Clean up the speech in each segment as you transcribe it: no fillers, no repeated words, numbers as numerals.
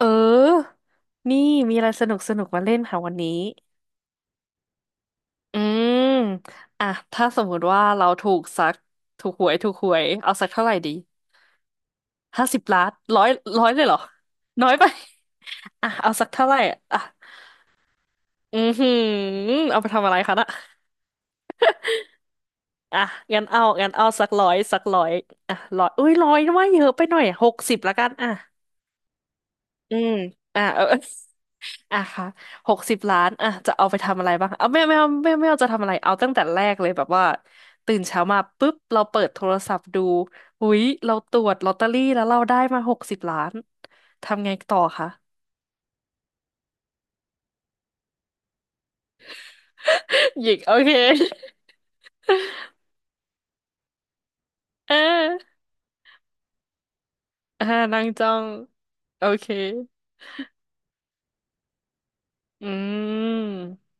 เออ นี่มีอะไรสนุกสนุกมาเล่นค่ะวันนี้ อืมอ่ะถ้าสมมุติว่าเราถูกสักถูกหวยถูกหวยเอาสักเท่าไหร่ดี50 ล้านร้อยร้อยเลยเหรอน้อยไปอ่ะเอาสักเท่าไหร่อ่ะอือหือเอาไปทำอะไรคะน่ะอ่ะงั้นเอาสักร้อยอ่ะร้อยอุ้ยร้อยว่าเยอะไปหน่อยหกสิบละกันอ่ะอืมอ่ะเออ อ่ะค่ะ60 ล้าน อ่ะ จะเอาไปทำอะไรบ้าง เอาไม่ไม่เอาจะทำอะไร เอาตั้งแต่แรกเลยแบบว่าตื่นเช้ามาปุ๊บเราเปิดโทรศัพท์ดูอุ๊ยเราตรวจลอตเตอรี่แล้วเราได้มาหกสิบล้านทำไงต่อคะ หยิกโอเค เอออ่านั่งจ้องโอเค อืม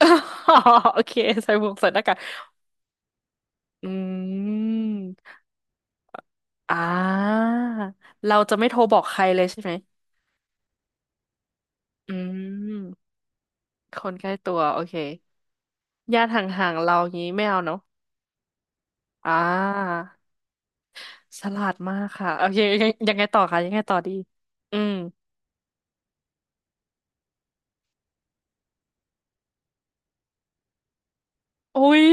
โอเคใส่หมวกใส่หน้ากากอืมอ่าเราจะไม่โทรบอกใครเลยใช่ไหมอืมคนใกล้ตัวโอเค ญาติห่างๆเราอย่างนี้ไม่เอาเนาะอ่าฉลาดมากค่ะโอเคยังไงต่อคะยังไงต่อดีอืมอุ้ย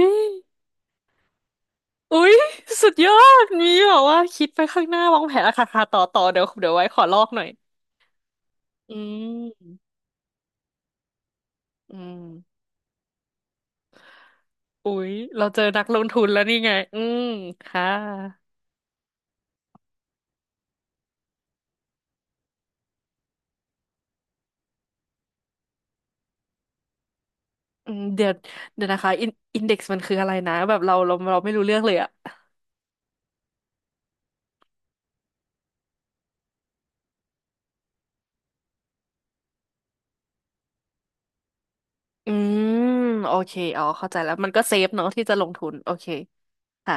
อุ้ยสุดยอดมีแบบว่าคิดไปข้างหน้าวางแผนอะค่ะค่ะต่อเดี๋ยวไว้ขอลอกหน่อยอืมอืมอุ้ยเราเจอนักลงทุนแล้วนี่ไงอืมค่ะอืมเดี๋ยวนะคะอินเด็กซ์มันคืออะไรนะแบบเราไม่รู้เรื่องเลยอะอืมโอเคอ๋อเข้าใจแล้วมันก็เซฟเนาะที่จะลงทุนโอเคค่ะ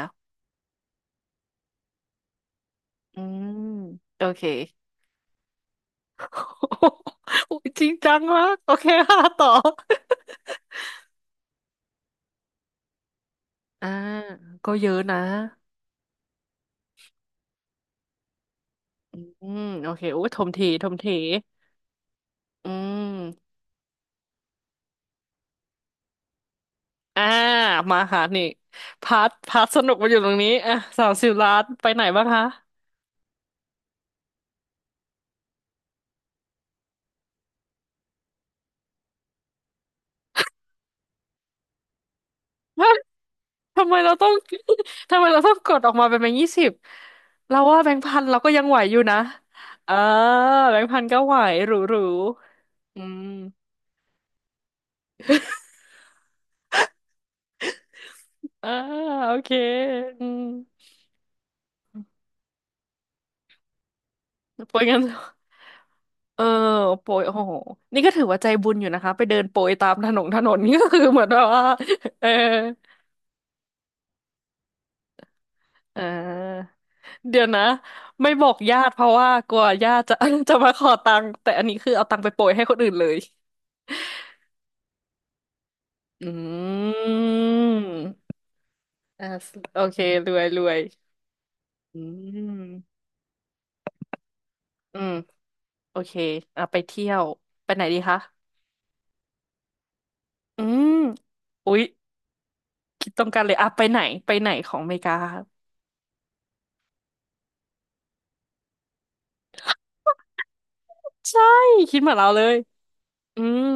อืมโอเค โอ้ยจริงจังมากโอเคค่ะต่ออ่าก็เยอะนะอืมโอเคโอ้ยทมทีทมทีอืมอ่ามาค่ะนี่พาร์ทสนุกมาอยู่ตรงนี้อ่ะ30 ล้านไปไหนบ้างคะฮะ ทำไมเราต้อง ทำไมเราต้องกดออกมาเป็นแบงค์ยี่สิบเราว่าแบงค์พันเราก็ยังไหวอยู่นะเอ่าแบงค์พันก็ไหวหรูหรูอืมอ่าโอเคอืม โปรยเงิน เออโปรยโอ้โหนี่ก็ถือว่าใจบุญอยู่นะคะไปเดินโปรยตามถนน ถนนนี่ก็คือเหมือนแบบว่า เออเออเดี๋ยวนะ ไม่บอกญาติเพราะว่ากลัวญาติจะ จะมาขอตังค์แต่อันนี้คือเอาตังค์ไปโปรยให้คนอื่นเลยอืมอ่าโอเครวยรวยอืมอืมโอเคอ่ะไปเที่ยว ไปไหนดีคะอืมอุ๊ยคิดตรงกันเลยอ่ะไปไหนของอเมริกาใช่ คิดเหมือนเราเลย อืม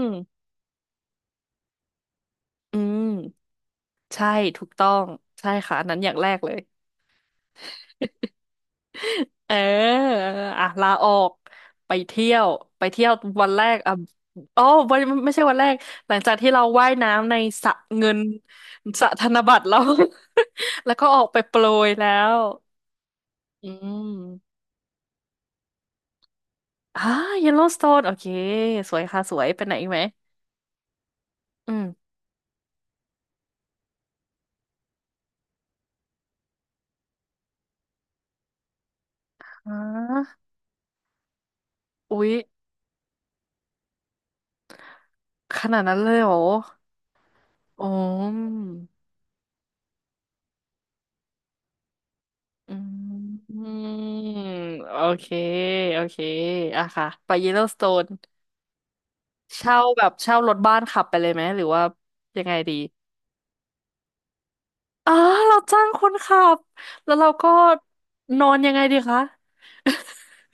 อืมใช่ถูกต้องใช่ค่ะอันนั้นอย่างแรกเลย เอออ่ะลาออกไปเที่ยวไปเที่ยววันแรกอ่ะอ๋อวันไม่ใช่วันแรกหลังจากที่เราว่ายน้ำในสระเงินสระธนบัตรแล้ว แล้วก็ออกไปโปรยแล้วอืมอ่าเยลโลสโตนโอเคสวยค่ะสวยไปไหนอีกไหมอืมอ่าอุ๊ยขนาดนั้นเลยเหรออ๋อ อืมโอเคโอเคอะค่ะไปYLLO สโตนเช่าแบบเช่ารถบ้านขับไปเลยไหมหรือว่ายังไงดีอ๋อเราจ้างคนขับแล้วเราก็นอนยังไงดีคะ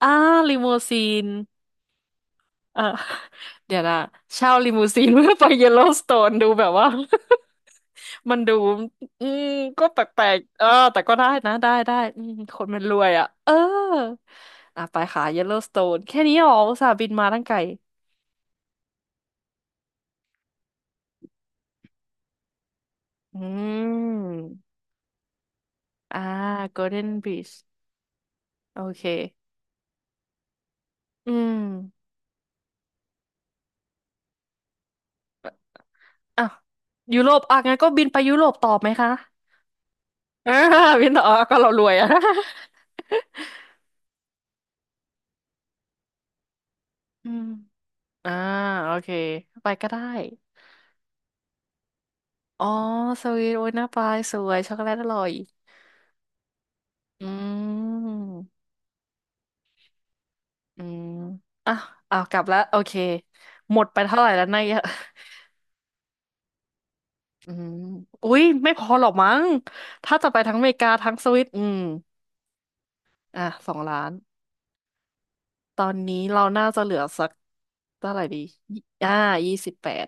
อ่าลิมูซีน เออ เดี๋ยวนะเช่าลิมูซีนเพื่อไปเยลโลสโตนดูแบบว่า มันดูอืมก็แปลกๆเออแต่ก็ได้นะได้อืมคนมันรวยอ่ะเอออ่ะไปค่ะเยลโลสโตนแค่นี้เหรออุตส่าห์บินมาตั้งไกลอืมอ่าโกลเด้นบีชโอเคอืมอ่ะยุโรปอ่ะงั้นก็บินไปยุโรปต่อไหมคะ อ่าบินต่ออ่ะก็เรารวยอ่ะ อืมอ่าโอเคไปก็ได้ อ๋อสวีทโอ้ยหน้าปลายสวยช็อกโกแลตอร่อยอืมอืมอ่ะอ่ะกลับแล้วโอเคหมดไปเท่าไหร่แล้วนายอะอืมอุ้ยไม่พอหรอกมั้งถ้าจะไปทั้งอเมริกาทั้งสวิตอืมอ่ะ2 ล้านตอนนี้เราน่าจะเหลือสักเท่าไหร่ดียี่อ่า28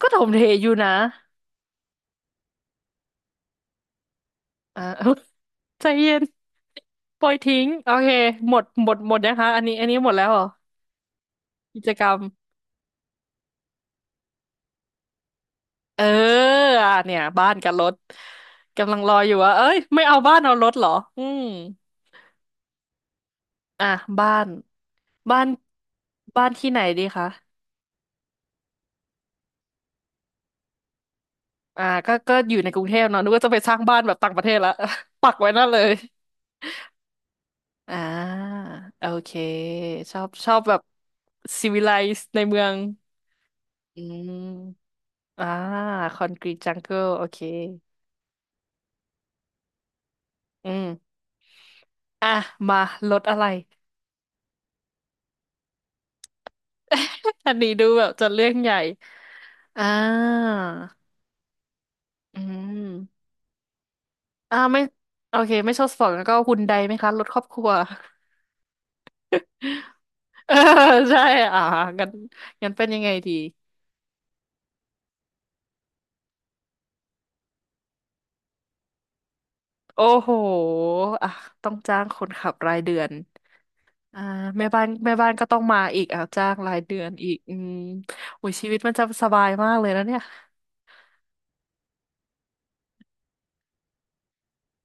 ก็ถมเทอยู่นะอ่า ใจเย็นปล่อยทิ้งโอเคหมดนะคะอันนี้หมดแล้วเหรอกิจกรรม เอออ่ะเนี่ยบ้านกับรถกำลังรออยู่ว่าเอ้ยไม่เอาบ้านเอารถเหรออืมอ่ะบ้านบ้านบ้านที่ไหนดีคะอ่าก็อยู่ในกรุงเทพเนาะนึกว่าจะไปสร้างบ้านแบบต่างประเทศละ ปักไว้นั่นเลยอ่าโอเคชอบแบบซีวิไลซ์ในเมืองอืมอ่าคอนกรีตจังเกิลโอเคอืมอ่ะมารถอะไร อันนี้ดูแบบจะเรื่องใหญ่อ่า อืมอ่าไม่โอเคไม่ชอบสปอร์ตแล้วก็ฮุนไดไหมคะรถครอบครัว เออใช่อ่างั้นงั้นเป็นยังไงดีโอ้โหอ่ะต้องจ้างคนขับรายเดือนอ่าแม่บ้านแม่บ้านก็ต้องมาอีกอ่ะจ้างรายเดือนอีกอืมโอ้ยชีวิตมันจะสบายมากเลยนะเนี่ย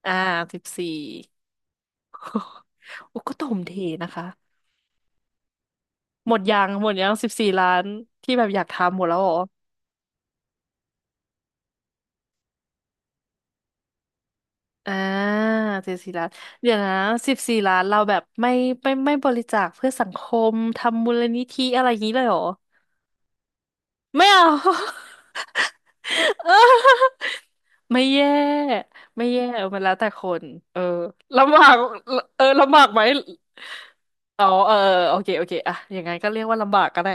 อ่าสิบสี่โอ้ก็ถมเทนะคะหมดยังหมดยังสิบสี่ล้านที่แบบอยากทำหมดแล้วเหรอ อ่าเจ็ดสี่ล้านเดี๋ยวนะสิบสี่ล้านเราแบบไม่ไม่ไม่บริจาคเพื่อสังคมทำมูลนิธิอะไรอย่างนี้เลยเหรอไม่เอา เออไม่แย่ไม่แย่เออมันแล้วแต่คนเออลำบากเออลำบากไหมอ๋อเออเออโอเคโอเคอะอย่างไงก็เรียกว่าลำบากก็ได้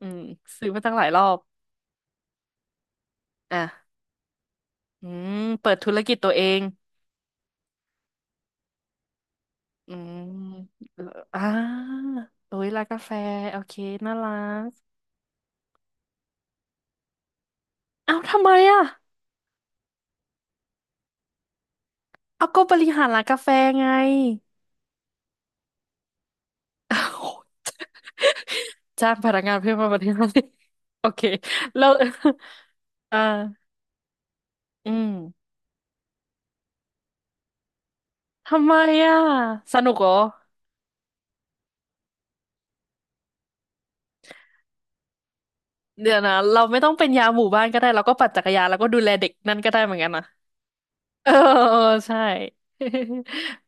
อืมซื้อมาตั้งหลายรอบอ่ะอืมเปิดธุรกิจตัวเอง อืมเอออ่าโอ้ยร้านกาแฟโอเคน่ารักเอ้าทำไมอ่ะเอาก็บริหารร้านกาแฟไง อ้าวจ้างพนักงานเพิ่มมาบริหาร สิโอเคแล้ว อ่าอืมทำไมอ่ะสนุกเหรอเดี๋ยวนะเราไม่ต้องเป็นยามหมู่บ้านก็ได้เราก็ปั่นจักรยานแล้วก็ดูแลเด็กนั่นก็ได้เหมือนกันนะ เออเออใช่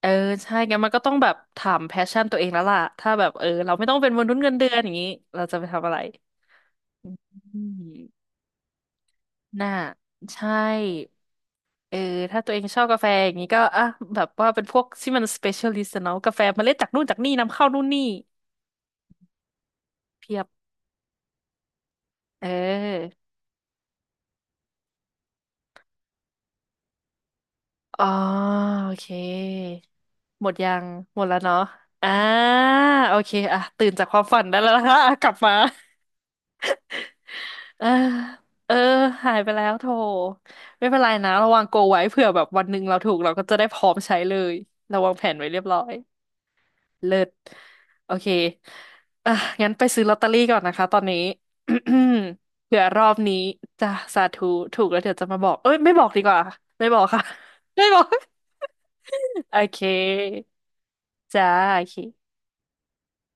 เออใช่งั้นมันก็ต้องแบบถามแพชชั่นตัวเองแล้วล่ะถ้าแบบเออเราไม่ต้องเป็นมนุษย์เงินเดือนอย่างนี้เราจะไปทำอะไรอืมน่าใช่เออถ้าตัวเองชอบกาแฟอย่างนี้ก็อ่ะแบบว่าเป็นพวกที่มัน specialist อะเนาะกาแฟเมล็ดจากนู่นจากนี่นำเข้านู่นนี่เพียบเอออ๋อโอเคหมดยังหมดแล้วเนาะอ่าโอเคอ่ะตื่นจากความฝันได้แล้วนะคะอ่ะ กลับมา เออเออ หายไปแล้วโถไม่เป็นไรนะระวังโกไว้เผื่อแบบวันหนึ่งเราถูกเราก็จะได้พร้อมใช้เลยเราวางแผนไว้เรียบร้อย เลิศโอเคอ่ะงั้นไปซื้อลอตเตอรี่ก่อนนะคะตอนนี้ เผื่อรอบนี้จะสาธุถูกแล้วเดี๋ยวจะมาบอก เอ้ยไม่บอกดีกว่า ไม่บอกค่ะ ไม่บอก โอเคจ้าโอเค